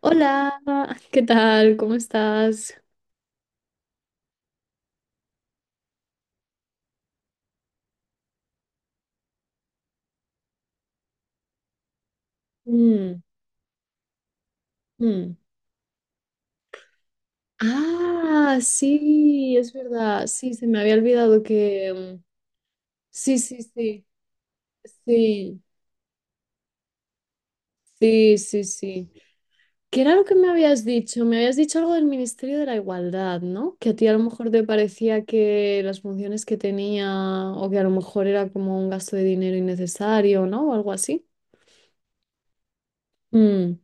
Hola, ¿qué tal? ¿Cómo estás? Mm, mm. Ah, sí, es verdad. Sí, se me había olvidado que. Sí, sí, sí, sí, sí, sí, sí. ¿Qué era lo que me habías dicho? Me habías dicho algo del Ministerio de la Igualdad, ¿no? Que a ti a lo mejor te parecía que las funciones que tenía o que a lo mejor era como un gasto de dinero innecesario, ¿no? O algo así. Mm,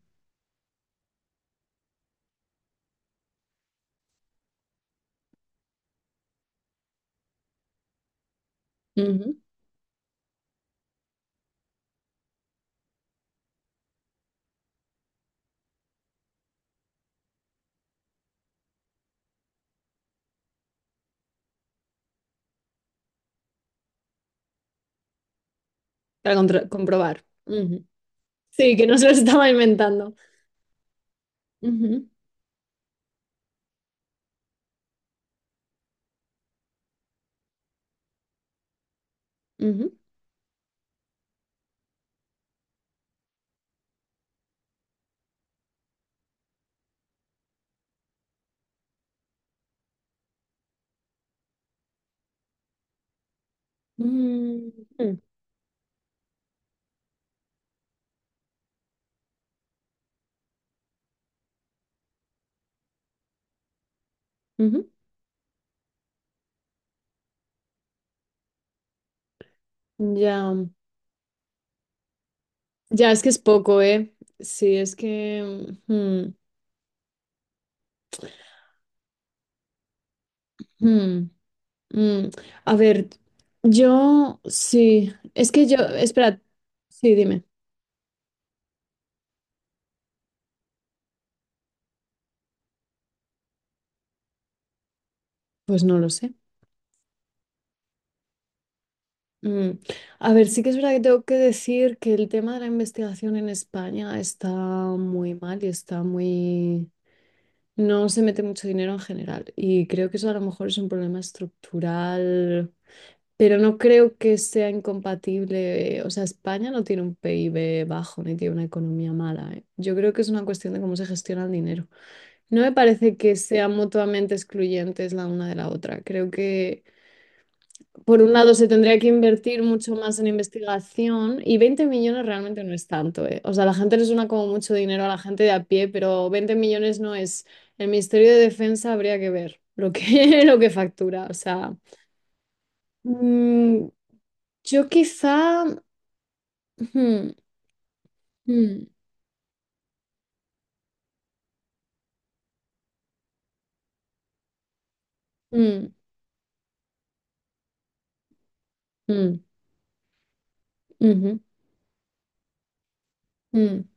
ujú. Para comprobar. Ujú. Sí, que no se lo estaba inventando. Ujú, ujú. Mm, ujú. Ya, ya es que es poco, ¿eh? Sí, es que... mm, mm, mm. Mm. A ver, yo sí, es que yo, espera, sí, dime, pues no lo sé. Mm. A ver, sí que es verdad que tengo que decir que el tema de la investigación en España está muy mal y está muy... No se mete mucho dinero en general y creo que eso a lo mejor es un problema estructural. Pero no creo que sea incompatible. O sea, España no tiene un PIB bajo ni tiene una economía mala, ¿eh? Yo creo que es una cuestión de cómo se gestiona el dinero. No me parece que sean mutuamente excluyentes la una de la otra. Creo que, por un lado, se tendría que invertir mucho más en investigación y 20 millones realmente no es tanto, ¿eh? O sea, la gente le suena como mucho dinero a la gente de a pie, pero 20 millones no es. El Ministerio de Defensa habría que ver lo que, lo que factura. O sea, mm, yo quizá. Ujú, mm, mm, mm, ujú, mm,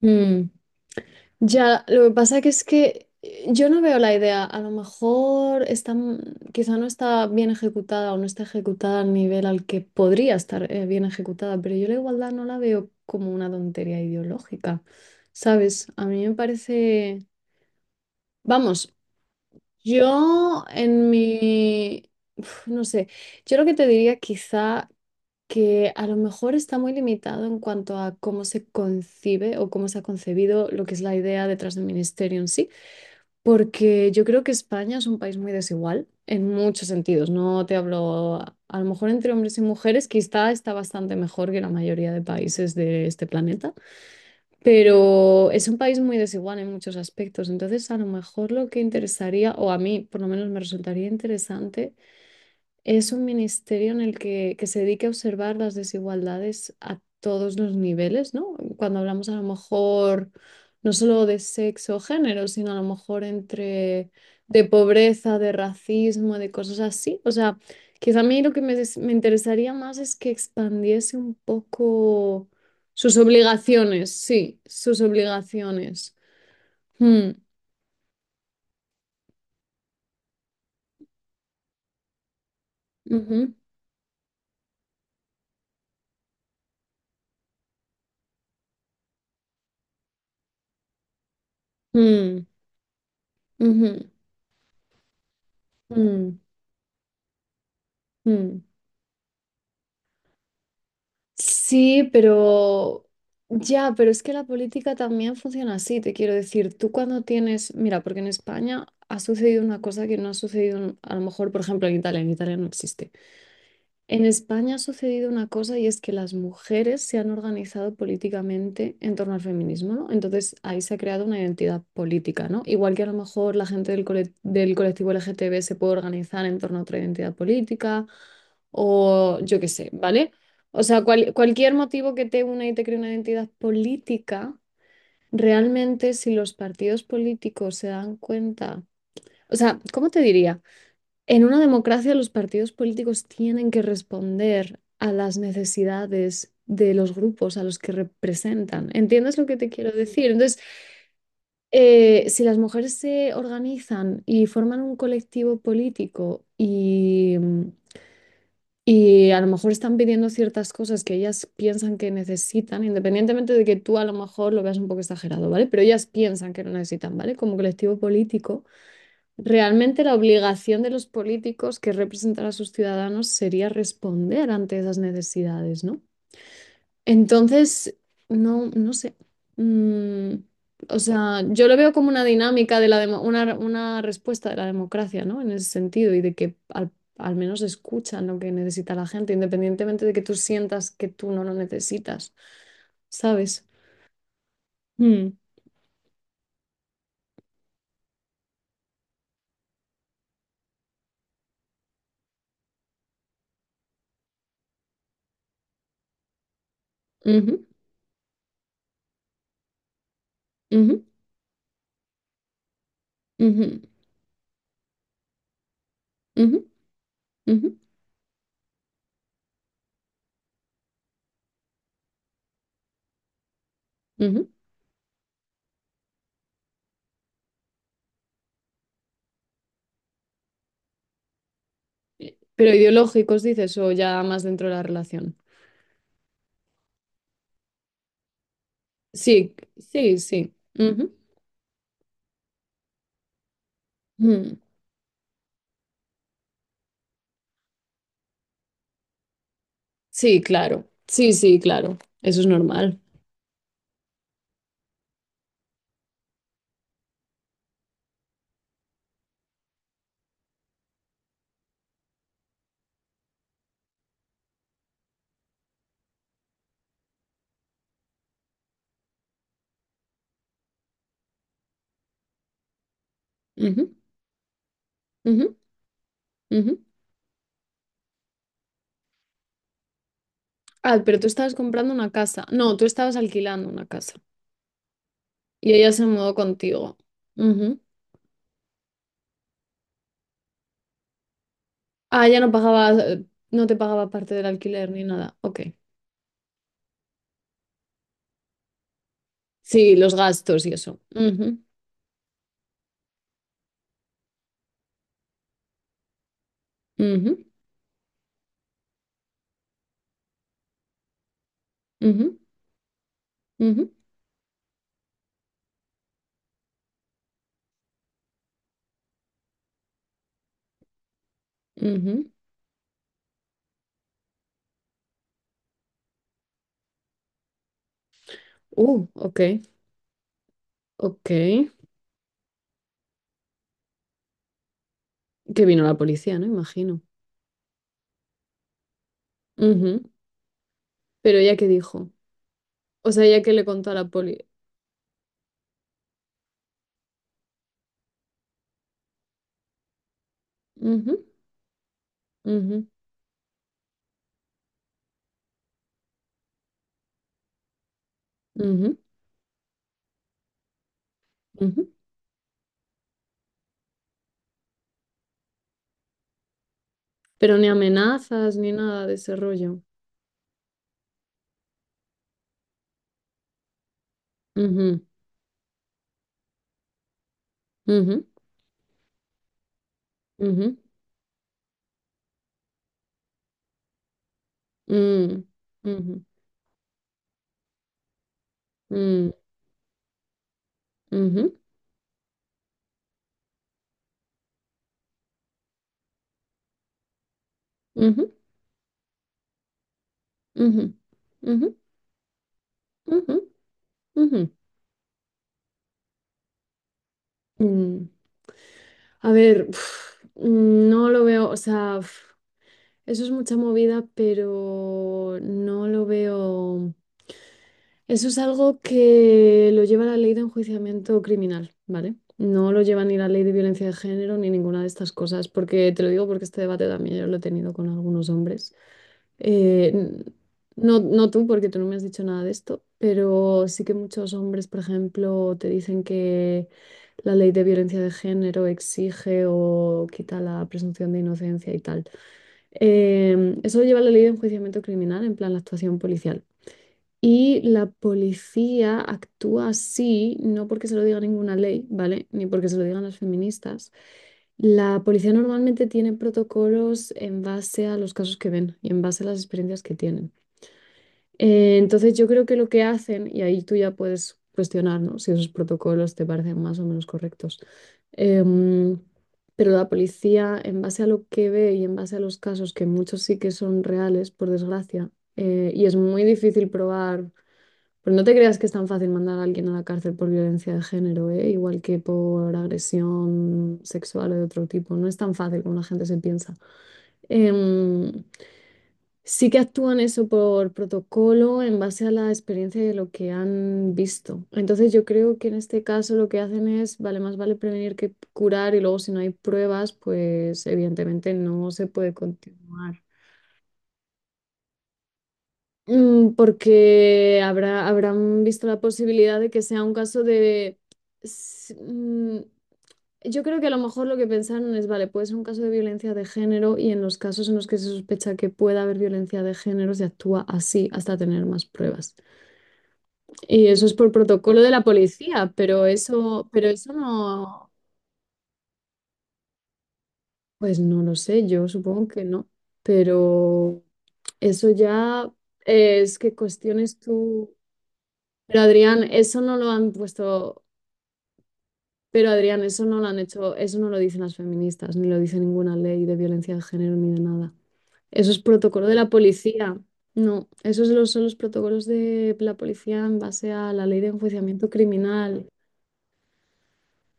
mm. Ya, lo que pasa que es que yo no veo la idea. A lo mejor está, quizá no está bien ejecutada o no está ejecutada al nivel al que podría estar bien ejecutada, pero yo la igualdad no la veo como una tontería ideológica, ¿sabes? A mí me parece, vamos, yo en mi, uf, no sé, yo lo que te diría quizá que a lo mejor está muy limitado en cuanto a cómo se concibe o cómo se ha concebido lo que es la idea detrás del ministerio en sí, porque yo creo que España es un país muy desigual en muchos sentidos. No te hablo, a lo mejor entre hombres y mujeres, quizá está bastante mejor que la mayoría de países de este planeta, pero es un país muy desigual en muchos aspectos. Entonces, a lo mejor lo que interesaría, o a mí por lo menos me resultaría interesante, es un ministerio en el que se dedica a observar las desigualdades a todos los niveles, ¿no? Cuando hablamos a lo mejor no solo de sexo o género, sino a lo mejor entre de pobreza, de racismo, de cosas así. O sea, quizá a mí lo que me, me interesaría más es que expandiese un poco sus obligaciones, sí, sus obligaciones. Mm, ujú, mm, ujú, mm, mm. Sí, pero ya, pero es que la política también funciona así, te quiero decir, tú cuando tienes, mira, porque en España ha sucedido una cosa que no ha sucedido a lo mejor, por ejemplo, en Italia no existe. En España ha sucedido una cosa y es que las mujeres se han organizado políticamente en torno al feminismo, ¿no? Entonces ahí se ha creado una identidad política, ¿no? Igual que a lo mejor la gente del colectivo LGTB se puede organizar en torno a otra identidad política o yo qué sé, ¿vale? O sea, cualquier motivo que te una y te cree una identidad política, realmente si los partidos políticos se dan cuenta, o sea, ¿cómo te diría? En una democracia, los partidos políticos tienen que responder a las necesidades de los grupos a los que representan. ¿Entiendes lo que te quiero decir? Entonces, si las mujeres se organizan y forman un colectivo político y a lo mejor están pidiendo ciertas cosas que ellas piensan que necesitan, independientemente de que tú a lo mejor lo veas un poco exagerado, ¿vale? Pero ellas piensan que lo necesitan, ¿vale? Como colectivo político. Realmente la obligación de los políticos que representan a sus ciudadanos sería responder ante esas necesidades, ¿no? Entonces, no, no sé. Mm, o sea, yo lo veo como una dinámica de la demo- una respuesta de la democracia, ¿no? En ese sentido, y de que al menos escuchan lo que necesita la gente, independientemente de que tú sientas que tú no lo necesitas, ¿sabes? Mm, ujú, ujú, ujú, ujú, ujú, ujú. Pero ideológicos, dices, o ya más dentro de la relación. Sí, sí, sí. Ujú. Mm. Sí, claro. Sí, sí, claro. Eso es normal. Ujú, ujú, ujú. Ah, pero tú estabas comprando una casa. No, tú estabas alquilando una casa. Y ella se mudó contigo. Ujú. Ah, ya no pagaba, no te pagaba parte del alquiler ni nada. Ok. Sí, los gastos y eso. Ujú, ujú, ujú, ujú, ujú. Ok, ok. Que vino la policía, ¿no? Imagino. Ujú, pero ya que dijo. O sea, ya que le contó a la poli. Ujú, ujú, ujú, ujú. Pero ni amenazas ni nada de ese rollo. Ujú, ujú, ujú, mm, ujú, mm, ujú, ujú, ujú, ujú, ujú, ujú. Mm. A ver, uf, no lo veo, o sea, uf, eso es mucha movida, pero no lo veo. Eso es algo que lo lleva la ley de enjuiciamiento criminal, ¿vale? No lo lleva ni la ley de violencia de género ni ninguna de estas cosas, porque te lo digo porque este debate también yo lo he tenido con algunos hombres. Eh, n- no, no tú, porque tú no me has dicho nada de esto, pero sí que muchos hombres, por ejemplo, te dicen que la ley de violencia de género exige o quita la presunción de inocencia y tal. Eso lo lleva la ley de enjuiciamiento criminal, en plan la actuación policial. Y la policía actúa así, no porque se lo diga ninguna ley, ¿vale? Ni porque se lo digan las feministas. La policía normalmente tiene protocolos en base a los casos que ven y en base a las experiencias que tienen. Entonces yo creo que lo que hacen, y ahí tú ya puedes cuestionar, ¿no? Si esos protocolos te parecen más o menos correctos. Em, pero la policía, en base a lo que ve y en base a los casos, que muchos sí que son reales, por desgracia, y es muy difícil probar, pero no te creas que es tan fácil mandar a alguien a la cárcel por violencia de género, ¿eh? Igual que por agresión sexual o de otro tipo. No es tan fácil como la gente se piensa. Em, sí que actúan eso por protocolo en base a la experiencia de lo que han visto. Entonces yo creo que en este caso lo que hacen es, vale, más vale prevenir que curar y luego si no hay pruebas, pues evidentemente no se puede continuar. Porque habrá, habrán visto la posibilidad de que sea un caso de... s- mm, Yo creo que a lo mejor lo que pensaron es, vale, puede ser un caso de violencia de género y en los casos en los que se sospecha que pueda haber violencia de género se actúa así hasta tener más pruebas. Y eso es por protocolo de la policía, pero eso no, pues no lo sé, yo supongo que no, pero eso ya es que cuestiones tú... Pero Adrián, eso no lo han puesto. Pero Adrián, eso no lo han hecho, eso no lo dicen las feministas, ni lo dice ninguna ley de violencia de género ni de nada. Eso es protocolo de la policía. No, esos son son los protocolos de la policía en base a la ley de enjuiciamiento criminal.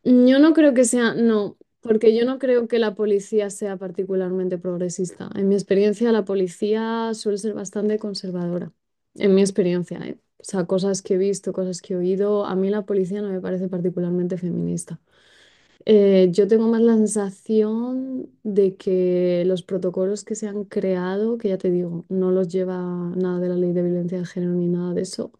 Yo no creo que sea, no, porque yo no creo que la policía sea particularmente progresista. En mi experiencia, la policía suele ser bastante conservadora. En mi experiencia, ¿eh? O sea, cosas que he visto, cosas que he oído, a mí la policía no me parece particularmente feminista. Yo tengo más la sensación de que los protocolos que se han creado, que ya te digo, no los lleva nada de la ley de violencia de género ni nada de eso,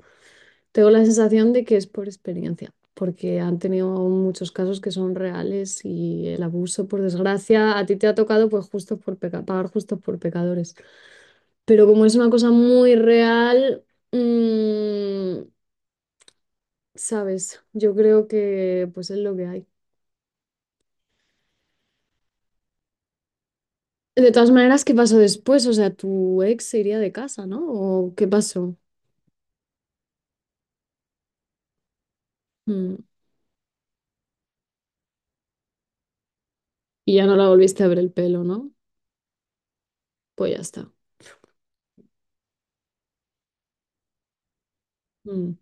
tengo la sensación de que es por experiencia, porque han tenido muchos casos que son reales y el abuso, por desgracia, a ti te ha tocado pues justo por pagar justos por pecadores. Pero como es una cosa muy real, mm, sabes, yo creo que pues es lo que hay. De todas maneras, ¿qué pasó después? O sea, tu ex se iría de casa, ¿no? ¿O qué pasó? Mm. Y ya no la volviste a ver el pelo, ¿no? Pues ya está. Mm.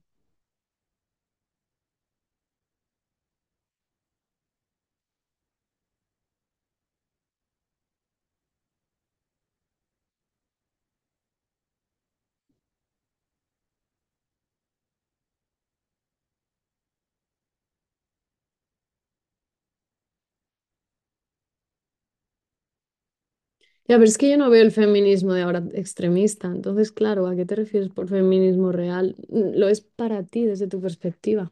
Ya, pero es que yo no veo el feminismo de ahora extremista. Entonces, claro, ¿a qué te refieres por feminismo real? Mm, lo es para ti desde tu perspectiva.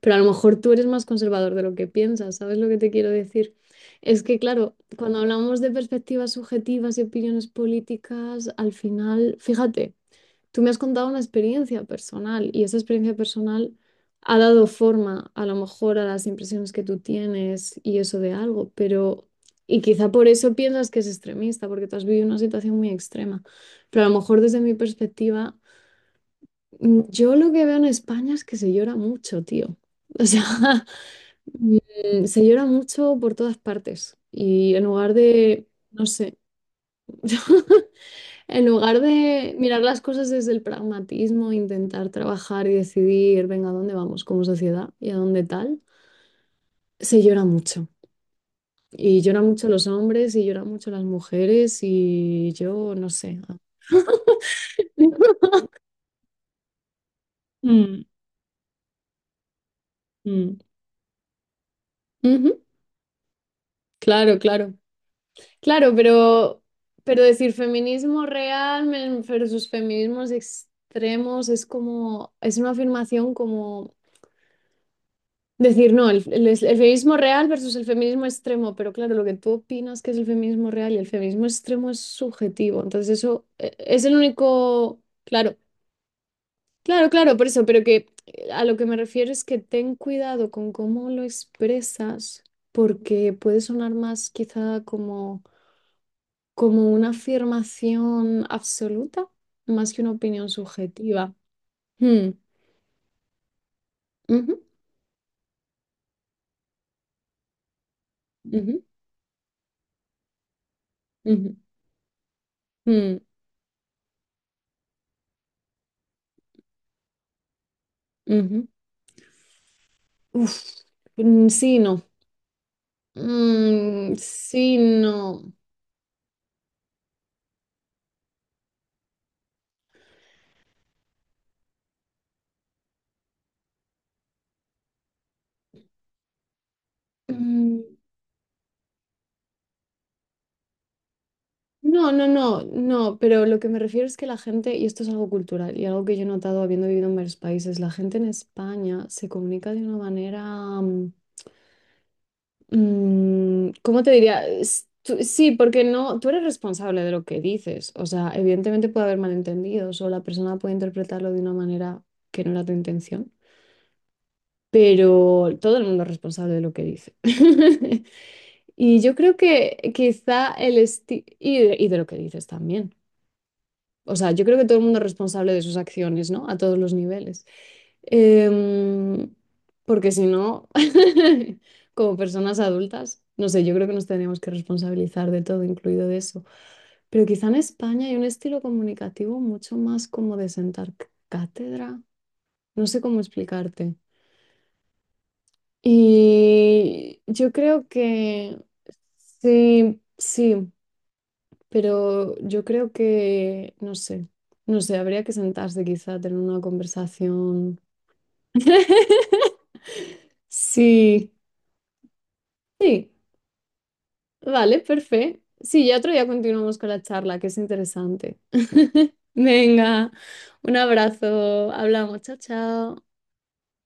Pero a lo mejor tú eres más conservador de lo que piensas. ¿Sabes lo que te quiero decir? Es que, claro, cuando hablamos de perspectivas subjetivas y opiniones políticas, al final, fíjate. Tú me has contado una experiencia personal y esa experiencia personal ha dado forma a lo mejor a las impresiones que tú tienes y eso de algo, pero, y quizá por eso piensas que es extremista, porque tú has vivido una situación muy extrema, pero a lo mejor desde mi perspectiva, yo lo que veo en España es que se llora mucho, tío. O sea, se llora mucho por todas partes y en lugar de, no sé. En lugar de mirar las cosas desde el pragmatismo, intentar trabajar y decidir, venga, ¿a dónde vamos como sociedad y a dónde tal? Se llora mucho. Y lloran mucho los hombres y lloran mucho las mujeres y yo no sé. Mm, mm. Ujú, claro, claro. Claro, pero decir feminismo real versus feminismos extremos es como, es una afirmación como decir, no, el, el feminismo real versus el feminismo extremo, pero claro, lo que tú opinas que es el feminismo real y el feminismo extremo es subjetivo, entonces eso es el único, claro, claro, claro, por eso, pero que a lo que me refiero es que ten cuidado con cómo lo expresas, porque puede sonar más quizá como, como una afirmación absoluta, más que una opinión subjetiva. Hmm, ujú, ujú, ujú, mm, ujú. Uf, mm, sí, no. Mm, sí, no. Mm, no, no, no, no, pero lo que me refiero es que la gente, y esto es algo cultural y algo que yo he notado habiendo vivido en varios países, la gente en España se comunica de una manera, mm, mm, ¿cómo te diría? Sí, porque no, tú eres responsable de lo que dices, o sea, evidentemente puede haber malentendidos o la persona puede interpretarlo de una manera que no era tu intención, pero todo el mundo es responsable de lo que dice. Y yo creo que quizá el estilo, y de lo que dices también. O sea, yo creo que todo el mundo es responsable de sus acciones, ¿no? A todos los niveles. Em, Porque si no, como personas adultas, no sé, yo creo que nos tenemos que responsabilizar de todo, incluido de eso. Pero quizá en España hay un estilo comunicativo mucho más como de sentar cátedra. No sé cómo explicarte. Y yo creo que sí, sí. Pero yo creo que, no sé, no sé, habría que sentarse quizá a tener una conversación. Sí, sí, vale, perfecto. Sí, ya otro día continuamos con la charla, que es interesante. Venga, un abrazo, hablamos, chao, chao.